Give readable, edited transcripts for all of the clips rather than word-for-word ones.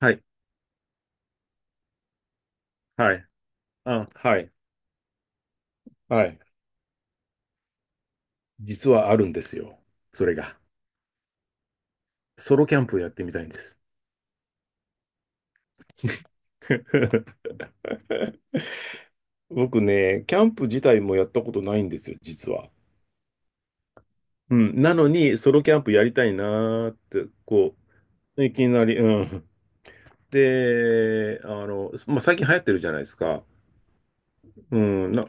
はい、はい、あはい、はい。実はあるんですよ。それが。ソロキャンプをやってみたいんです。僕ね、キャンプ自体もやったことないんですよ、実は。うん、なのに、ソロキャンプやりたいなーって、いきなり、うん。で、あの、まあ、最近流行ってるじゃないですか。うん、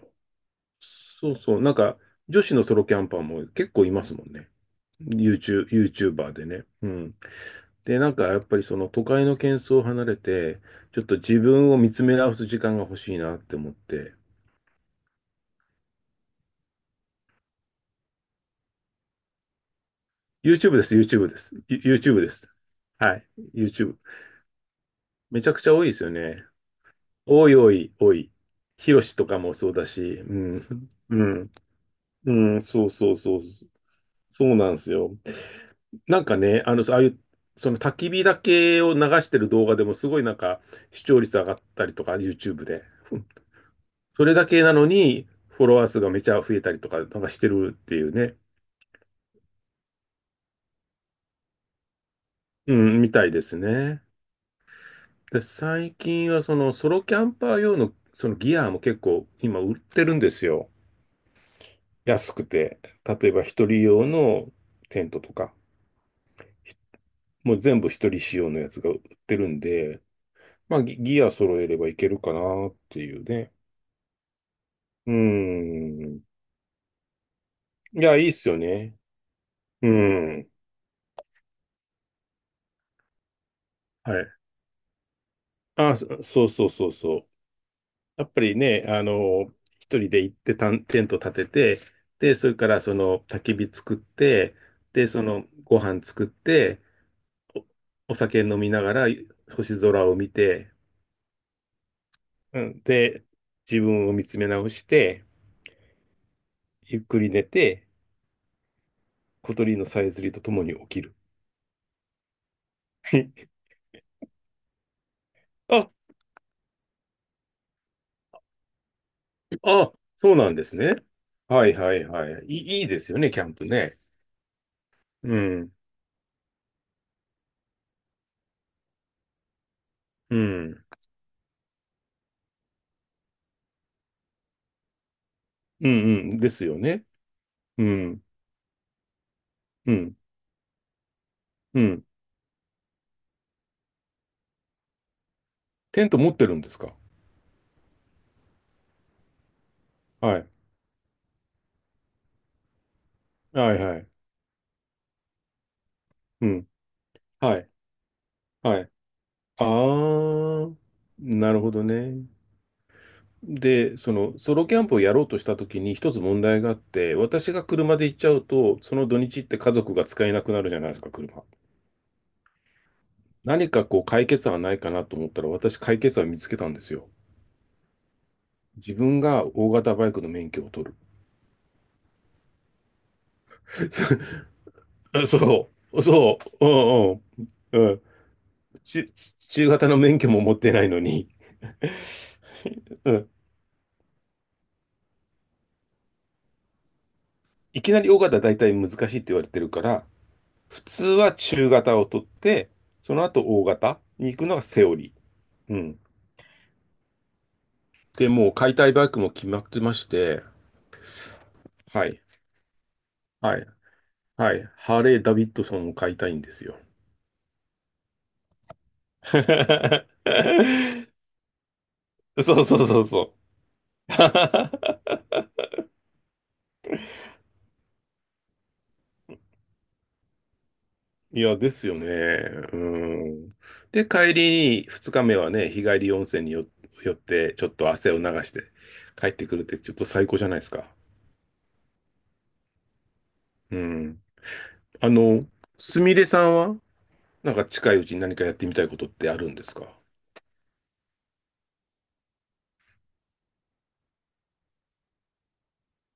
そうそう、なんか、女子のソロキャンパーも結構いますもんね。YouTube、YouTuber でね。うん。で、なんかやっぱりその都会の喧騒を離れて、ちょっと自分を見つめ直す時間が欲しいなって思って、YouTube です、YouTube です。YouTube です。はい、YouTube。めちゃくちゃ多いですよね。多い多い多い。ヒロシとかもそうだし、うん、うん、うん、そうそうそう、そうなんですよ。なんかね、あの、ああいう、その焚き火だけを流してる動画でもすごいなんか視聴率上がったりとか、YouTube で。それだけなのに、フォロワー数がめちゃ増えたりとか、なんかしてるっていうね。うん、みたいですね。で、最近はそのソロキャンパー用のそのギアも結構今売ってるんですよ。安くて。例えば一人用のテントとか、もう全部一人仕様のやつが売ってるんで、まあギア揃えればいけるかなっていうね。うん。いや、いいっすよね。うん。はい。あ、そうそうそうそう。やっぱりね、あの、一人で行ってたんテント立てて、で、それからその焚き火作って、で、そのご飯作って、お、お酒飲みながら星空を見て、うん、で、自分を見つめ直して、ゆっくり寝て、小鳥のさえずりとともに起きる。あ、あ、そうなんですね。はいはいはい。いい、いいですよね、キャンプね。うん、うん、うん、うん、ですよね。うん、うん、うん。テント持ってるんですか？はい。はいはい。うん。はい。はい。あー、なるほどね。で、その、ソロキャンプをやろうとしたときに一つ問題があって、私が車で行っちゃうと、その土日って家族が使えなくなるじゃないですか、車。何かこう解決案ないかなと思ったら、私解決案見つけたんですよ。自分が大型バイクの免許を取る。そう、そう、うんうん、うん。ち中型の免許も持ってないのに、うん、いきなり大型は大体難しいって言われてるから、普通は中型を取って、その後大型に行くのがセオリー。うん。で、もう買いたいバイクも決まってまして、はい、はい、はい。ハーレー・ダビッドソンを買いたいんですよ。そうそうそうそう。いや、ですよね。うん。で、帰りに2日目はね、日帰り温泉に寄って、ちょっと汗を流して帰ってくるって、ちょっと最高じゃないですか。うん。あの、すみれさんは、なんか近いうちに何かやってみたいことってあるんですか？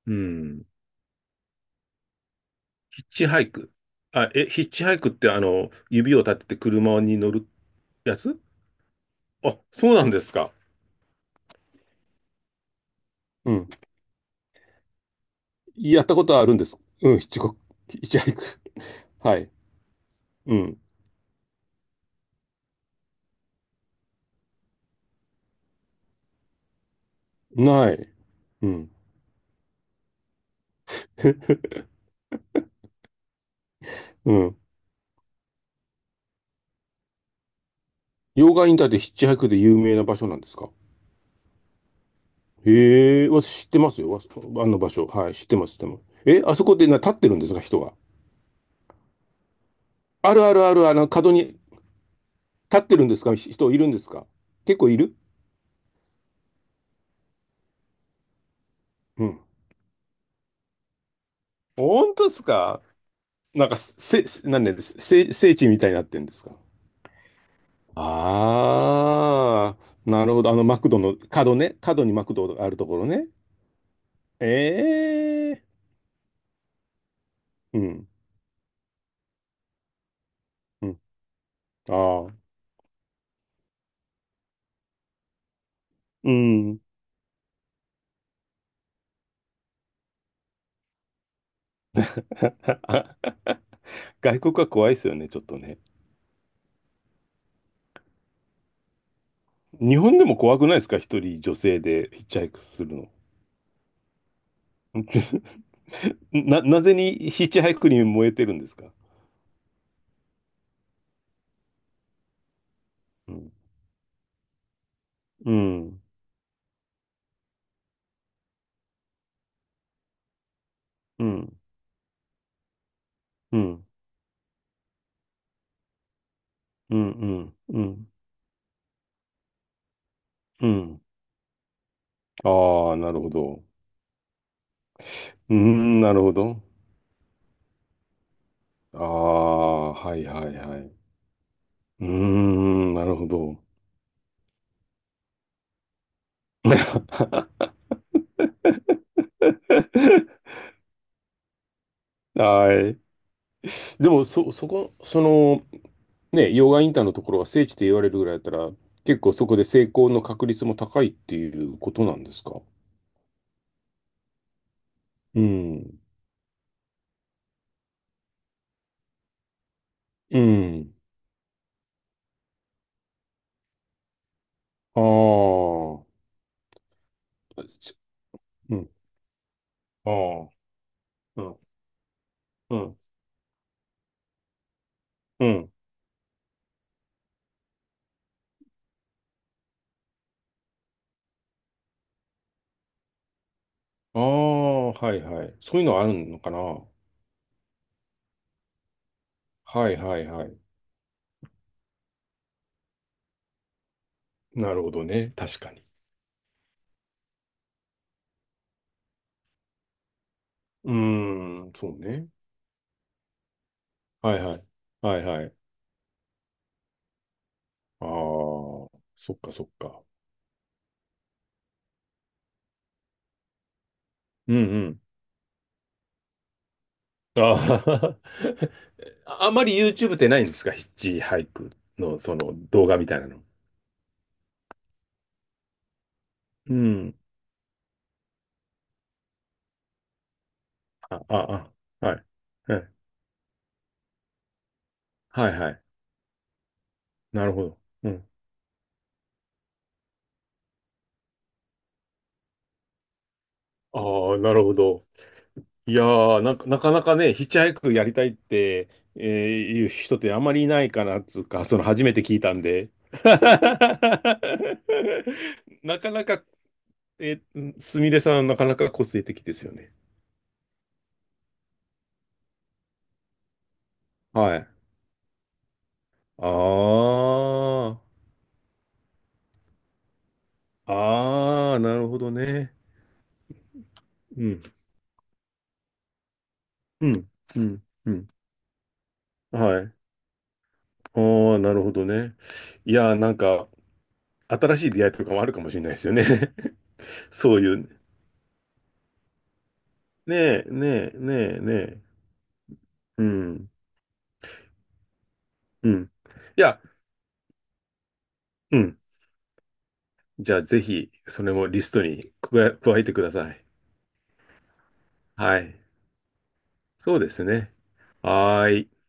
うん。ヒッチハイク。あ、え、ヒッチハイクってあの、指を立てて車に乗るやつ？あ、そうなんですか。うん。やったことはあるんです。うん、ヒッチハイク。はい。うん。ない。うん。うん。溶岩インターってヒッチハイクで有名な場所なんですか？へえ、私知ってますよ。あの場所。はい、知ってます、知ってます。え、あそこで、立ってるんですか、人が。あるあるある、あの、角に立ってるんですか？人いるんですか？結構いる？うん。本当ですか？なんか、せ、せなんでです聖、聖地みたいになってんですか？ああ、なるほど。あの、マクドの角ね。角にマクドがあるところね。ええ、うん。うん。ああ。うん。外国は怖いですよね、ちょっとね。日本でも怖くないですか？一人女性でヒッチハイクするの。なぜにヒッチハイクに燃えてるんですか？うん。うんうん、うん、うん、うん、うん、うん。ああ、なるほど。うーん、なるほど。ああ、はいはいはい。うーん、なるほど。はい。でも、そ、そこ、その、ね、溶岩インターのところが聖地って言われるぐらいだったら、結構そこで成功の確率も高いっていうことなんですか？うん。うん。ああ。うん。ああ。うん。うん。うん。ああ、はいはい。そういうのあるのかな。はいはいはい。なるほどね。確かに。うーん、そうね。はいはい。はいはい。ああ、そっかそっか。うんうん。ああ、あまり YouTube ってないんですか？ヒッチハイクのその動画みたいなの。うん。あ、あ、あ、はい。はいはいはい。なるほど。うん。ああ、なるほど。いやー、なんか、なかなかね、ヒッチハイクやりたいって、えーいう人ってあんまりいないかな、つうか、その初めて聞いたんで。なかなか、すみれさん、なかなか個性的ですよね。はい。ああ、ああ、なるほどね。うん、うん、うん、うん。はい。ああ、なるほどね。いやー、なんか、新しい出会いとかもあるかもしれないですよね。そういう、ねえ、ねえ、ねえ、ねえ。うん。うん。いや、うん。じゃあぜひ、それもリストに加えてください。はい。そうですね。はーい。